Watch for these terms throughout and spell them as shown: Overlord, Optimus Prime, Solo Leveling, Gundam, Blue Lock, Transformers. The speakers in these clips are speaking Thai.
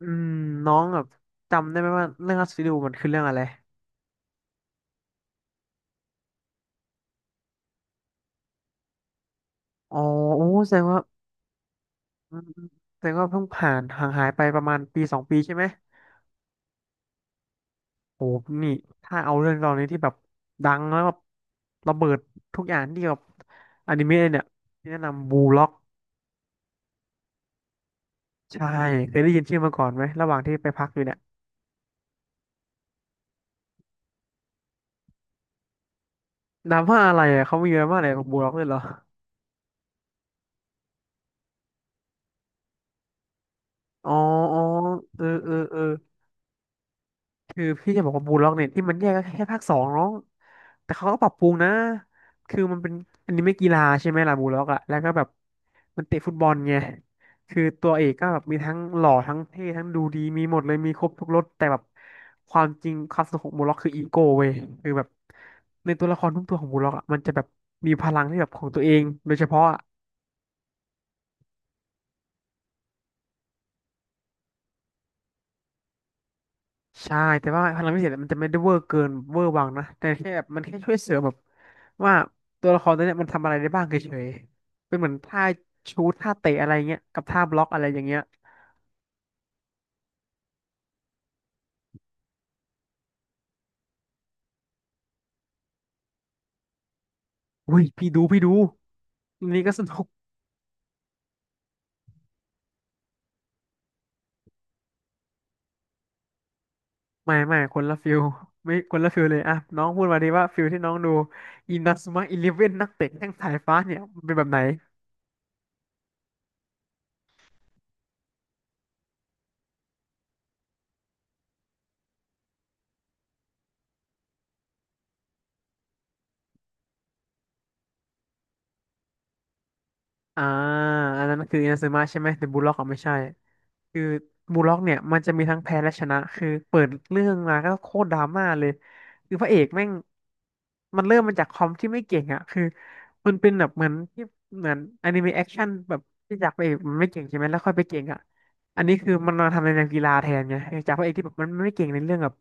อืมน้องแบบจำได้ไหมว่าเรื่องอัสซิดูมันคือเรื่องอะไรอ๋อโอ้แสดงว่าอืมแสดงว่าเพิ่งผ่านห่างหายไปประมาณปีสองปีใช่ไหมโอ้นี่ถ้าเอาเรื่องตอนนี้ที่แบบดังแล้วแบบระเบิดทุกอย่างที่แบบอนิเมะเนี่ยที่แนะนำบูล็อกใช่เคยได้ยินชื่อมาก่อนไหมระหว่างที่ไปพักอยู่เนี่ยนามว่าอะไรอ่ะเขามีนามว่าอะไรบูล็อกด้วยเหรออ๋ออ๋อเออเออเออ คือพี่จะบอกว่าบูลล็อกเนี่ยที่มันแยกก็แค่ภาค 2น้องแต่เขาก็ปรับปรุงนะคือมันเป็นอันนี้ไม่กีฬาใช่ไหมล่ะบูลล็อกอะแล้วก็แบบมันเตะฟุตบอลไงคือตัวเอกก็แบบมีทั้งหล่อทั้งเท่ทั้งดูดีมีหมดเลยมีครบทุกรสแต่แบบความจริงความสนุกของบูลล็อกคืออีโก้เว้ยคือแบบในตัวละครทุกตัวของบูลล็อกอะมันจะแบบมีพลังที่แบบของตัวเองโดยเฉพาะ ใช่แต่ว่าพลังพิเศษมันจะไม่ได้เวอร์เกินเวอร์วังนะแต่แค่แบบมันแค่ช่วยเสริมแบบว่าตัวละครตัวเนี้ยมันทำอะไรได้บ้างเฉยๆเป็นเหมือนท่าชูตท่าเตะอะไรเงี้ยกับท่าบล็อกอะไรอย่างเงี้ยอุ้ยพี่ดูพี่ดูอันนี้ก็สนุกไม่ไม่คนละฟิลไม่คนละฟิลเลยอ่ะน้องพูดมาดีว่าฟิลที่น้องดูอินา u ุมะอีเลฟเว่นนักเตะแข้งสายฟ้าเนี่ยมันเป็นแบบไหน อ่าอันนั้นมันคืออินาซึมะใช่ไหมแต่บูลล็อกอ่ะไม่ใช่คือบูลล็อกเนี่ยมันจะมีทั้งแพ้และชนะคือเปิดเรื่องมาก็โคตรดราม่าเลยคือพระเอกแม่งมันเริ่มมาจากคอมที่ไม่เก่งอ่ะคือมันเป็นแบบเหมือนที่เหมือนอนิเมะแอคชั่นแบบที่จากพระเอกมันไม่เก่งใช่ไหมแล้วค่อยไปเก่งอ่ะอันนี้คือมันมาทำในแนวกีฬาแทนไงเออจากพระเอกที่แบบมันไม่เก่งในเรื่องแบบ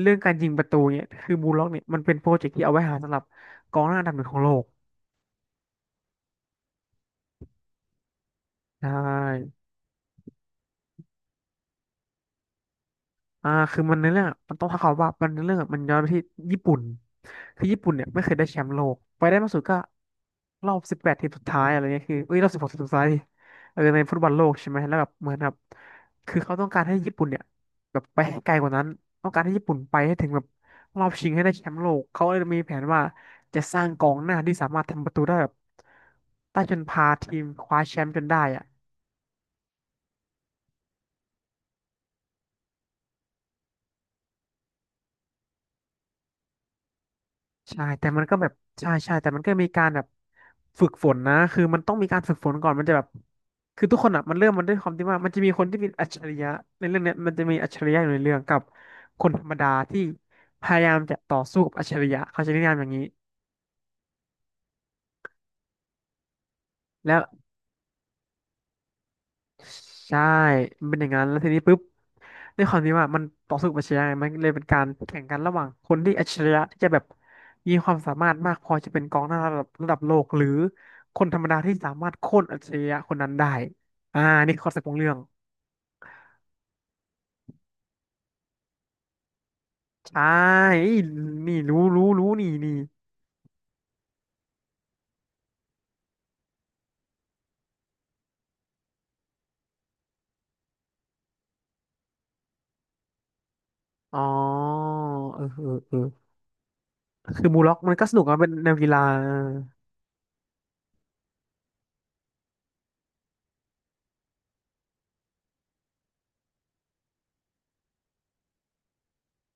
เรื่องการยิงประตูเนี่ยคือบูลล็อกเนี่ยมันเป็นโปรเจกต์ที่เอาไว้หาสำหรับกองหน้าอันดับ 1ของโลกใช่ อ่าคือมันในเรื่องมันต้องท้าความว่ามันในเรื่องมันย้อนไปที่ญี่ปุ่นคือญี่ปุ่นเนี่ยไม่เคยได้แชมป์โลกไปได้มากสุดก็รอบ18 ทีมสุดท้ายอะไรเงี้ยคือเอ้ยรอบ16 ทีมสุดท้ายดิเออในฟุตบอลโลกใช่ไหมแล้วแบบเหมือนแบบคือเขาต้องการให้ญี่ปุ่นเนี่ยแบบไปให้ไกลกว่านั้นต้องการให้ญี่ปุ่นไปให้ถึงแบบรอบชิงให้ได้แชมป์โลกเขาเลยมีแผนว่าจะสร้างกองหน้าที่สามารถทำประตูได้แบบได้จนพาทีมคว้าแชมป์จนได้อะ ใช่แต่มันก็แบบใช่ใช่แต่มันก็มีการแบบฝึกฝนนะคือมันต้องมีการฝึกฝนก่อนมันจะแบบคือทุกคนอ่ะมันเริ่มมันด้วยความที่ว่ามันจะมีคนที่เป็นอัจฉริยะในเรื่องเนี้ยมันจะมีอัจฉริยะอยู่ในเรื่องกับคนธรรมดาที่พยายามจะต่อสู้กับอัจฉริยะเขาจะนิยามอย่างนี้แล้ว ใช่มันเป็นอย่างนั้นแล้วทีนี้ปุ๊บด้วยความที่ว่ามันต่อสู้กับอัจฉริยะไงมันเลยเป็นการแข่งกันระหว่างคนที่อัจฉริยะที่จะแบบมีความสามารถมากพอจะเป็นกองหน้าระดับโลกหรือคนธรรมดาที่สามารถโค่นอัจฉริยะคนนั้นได้อ่านี่คอคอนเซ็ปต์ของเรื่องใช่นี่รู้รู้รู้นี่นี่อ๋อเออเออเออคือมูล็อกมันก็สนุกอะมันเป็นแนวกีฬาเออ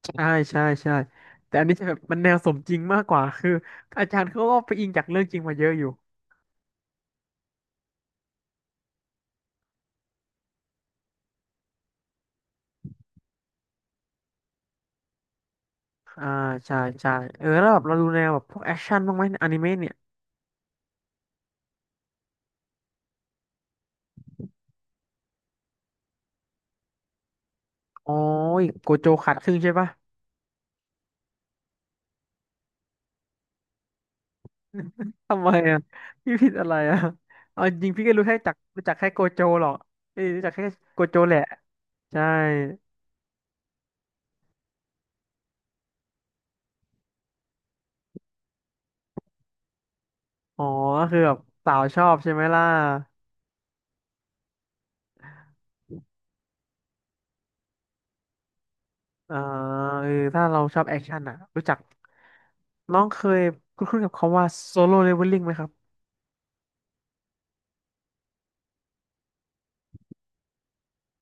ใช่ใช่ใช่แต่อันนี้จะแบบมันแนวสมจริงมากกว่าคืออาจารย์เขาก็ไปอิงจากเรื่องจริงมาเยอะอยู่ อ่าใช่ใช่เออแล้วแบบเราดูแนวแบบพวกแอคชั่นบ้างไหมอนิเมะเนี่ยโอ้ยโกโจขาดครึ่งใช่ปะ ทำไมอ่ะพี่ผิดอะไรอ่ะเอาจริงพี่ก็รู้แค่จักรู้จักแค่โกโจหรอกเอ้ยรู้จักแค่โกโจแหละใช่อ๋อก็คือแบบสาวชอบใช่ไหมล่ะอ่าเออถ้าเราชอบแอคชั่นอ่ะรู้จักน้องเคยคุ้นๆกับคำว่าโซโล l เลเวลลิ่งไหมครับ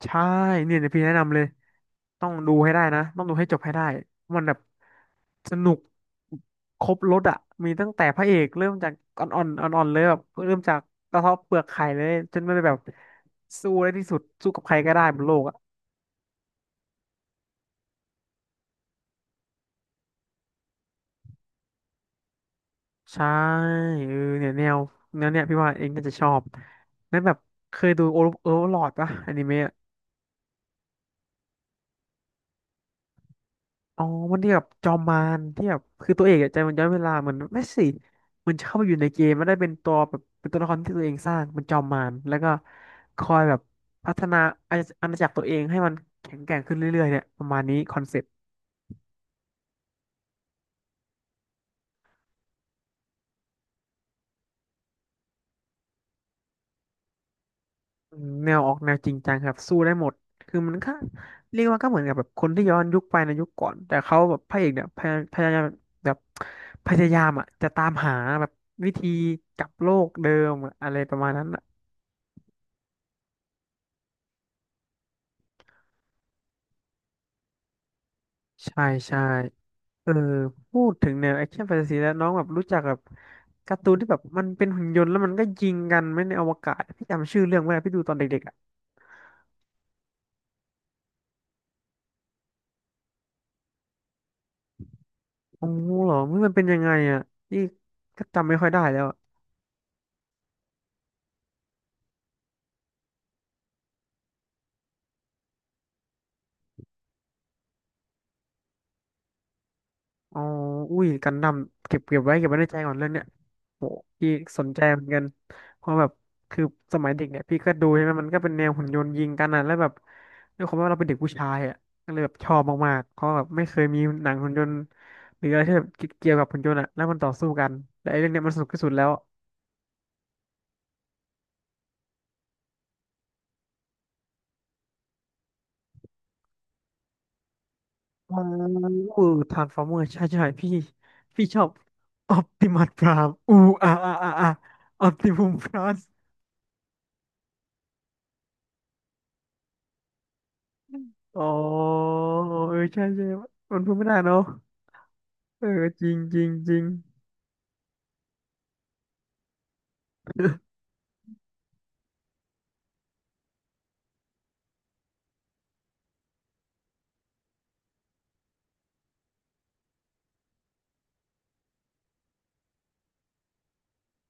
ใช่เนี่ยเดี๋ยวพี่แนะนำเลยต้องดูให้ได้นะต้องดูให้จบให้ได้มันแบบสนุกครบรสอ่ะมีตั้งแต่พระเอกเริ่มจากอ่อนๆเลยแบบเริ่มจากกระเทาะเปลือกไข่เลยจนมันแบบสู้ได้ที่สุดสู้กับใครก็ได้บนโลกอ่ะใช่เออเนี่ยแนวเนี่ยพี่ว่าเองน่าจะชอบแล้วแบบเคยดูโอเวอร์ลอดปะอนิเมะ อ๋อมันที่แบบจอมมารที่แบบคือตัวเอกอะใจมันย้อนเวลาเหมือนไม่สิมันเข้าไปอยู่ในเกมมันได้เป็นตัวแบบเป็นตัวละครที่ตัวเองสร้างเป็นจอมมารแล้วก็คอยแบบพัฒนาอาณาจักรตัวเองให้มันแข็งแกร่งขึ้นเรื่อยๆเนี่ยประมาณนี้คอนเซ็ปต์อืมแนวออกแนวจริงจังครับสู้ได้หมดคือมันก็เรียกว่าก็เหมือนกับแบบคนที่ย้อนยุคไปในยุคก่อนแต่เขาแบบพระเอกเนี่ยพยายามแบบพยายามอ่ะจะตามหาแบบวิธีกลับโลกเดิมอะอะไรประมาณนั้นอ่ะใช่ใช่ เออพูดถึงแนวแอคชั่นแฟนตาซีแล้วน้องแบบรู้จักแบบการ์ตูนที่แบบมันเป็นหุ่นยนต์แล้วมันก็ยิงกันไหม่ในอวกาศพี่จำชื่อเรื่องไม่ได้พี่ดูตอนเด็กๆอ่ะโอ้โหเหรอมันเป็นยังไงอ่ะพี่ก็จำไม่ค่อยได้แล้ว อ๋ออุ้ยกันดั้มเก็บไว้ในใจก่อนเรื่องเนี้ยโหพี่สนใจเหมือนกันเพราะแบบคือสมัยเด็กเนี่ยพี่ก็ดูใช่ไหมมันก็เป็นแนวหุ่นยนต์ยิงกันอ่ะแล้วแบบด้วยความว่าเราเป็นเด็กผู้ชายอ่ะก็เลยแบบชอบมากๆเพราะแบบไม่เคยมีหนังหุ่นยนต์หรืออะไรที่แบบเกี่ยวกับหุ่นยนต์อ่ะแล้วมันต่อสู้กันแต่ไอ้เรื่องเนี้ยมันสนุกที่สุดแล้วอ๋อเอูทรานส์ฟอร์เมอร์ใช่ใช่พี่พี่ชอบออปติมัสพรามอูอาออปติมัสพราม อ๋อเออใช่ใช่มันพูดไม่ได้เนาะเออจริงจริงจริง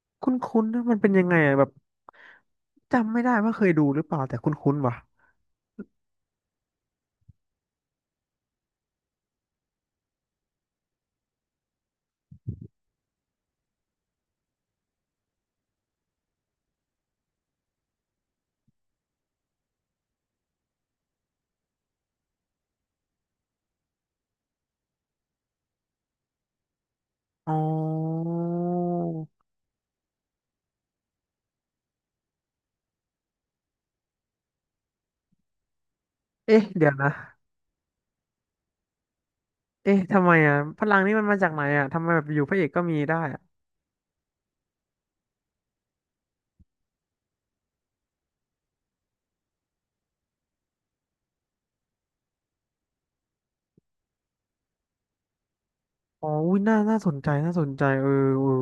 คุ้นๆนนะมันเป็นยังไงอะแบบจำไม่ได้ว่าเคยดูหรือเปล่าแต่คุ้นๆว่ะอ๋อเอ๊ะเดี๋ยวนะเอ๊ะทำไมอ่ะพลังนี่มันมาจากไหนอ่ะทำไมแบบอยู่พระเอกก็มีได้อะอ๋ออุ้ยน่าสนใจน่าสนใจเออเออ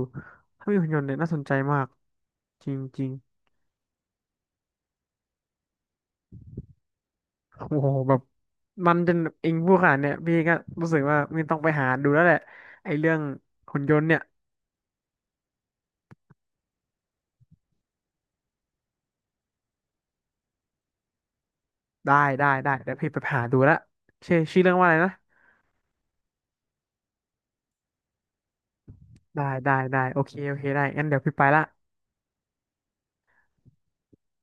ถ้ามีหุ่นยนต์เนี่ยน่าสนใจมากจริงจริงโอ้โหแบบมันจนเองผู้ขนาดเนี่ยพี่ก็รู้สึกว่ามันต้องไปหาดูแล้วแหละไอ้เรื่องหุ่นยนต์เนี่ย ได้ได้เดี๋ยวพี่ไปหาดูละชื่อเรื่องว่าอะไรนะได้โอเคโอเคได้งั้นเดี๋ยวพี่ไปละ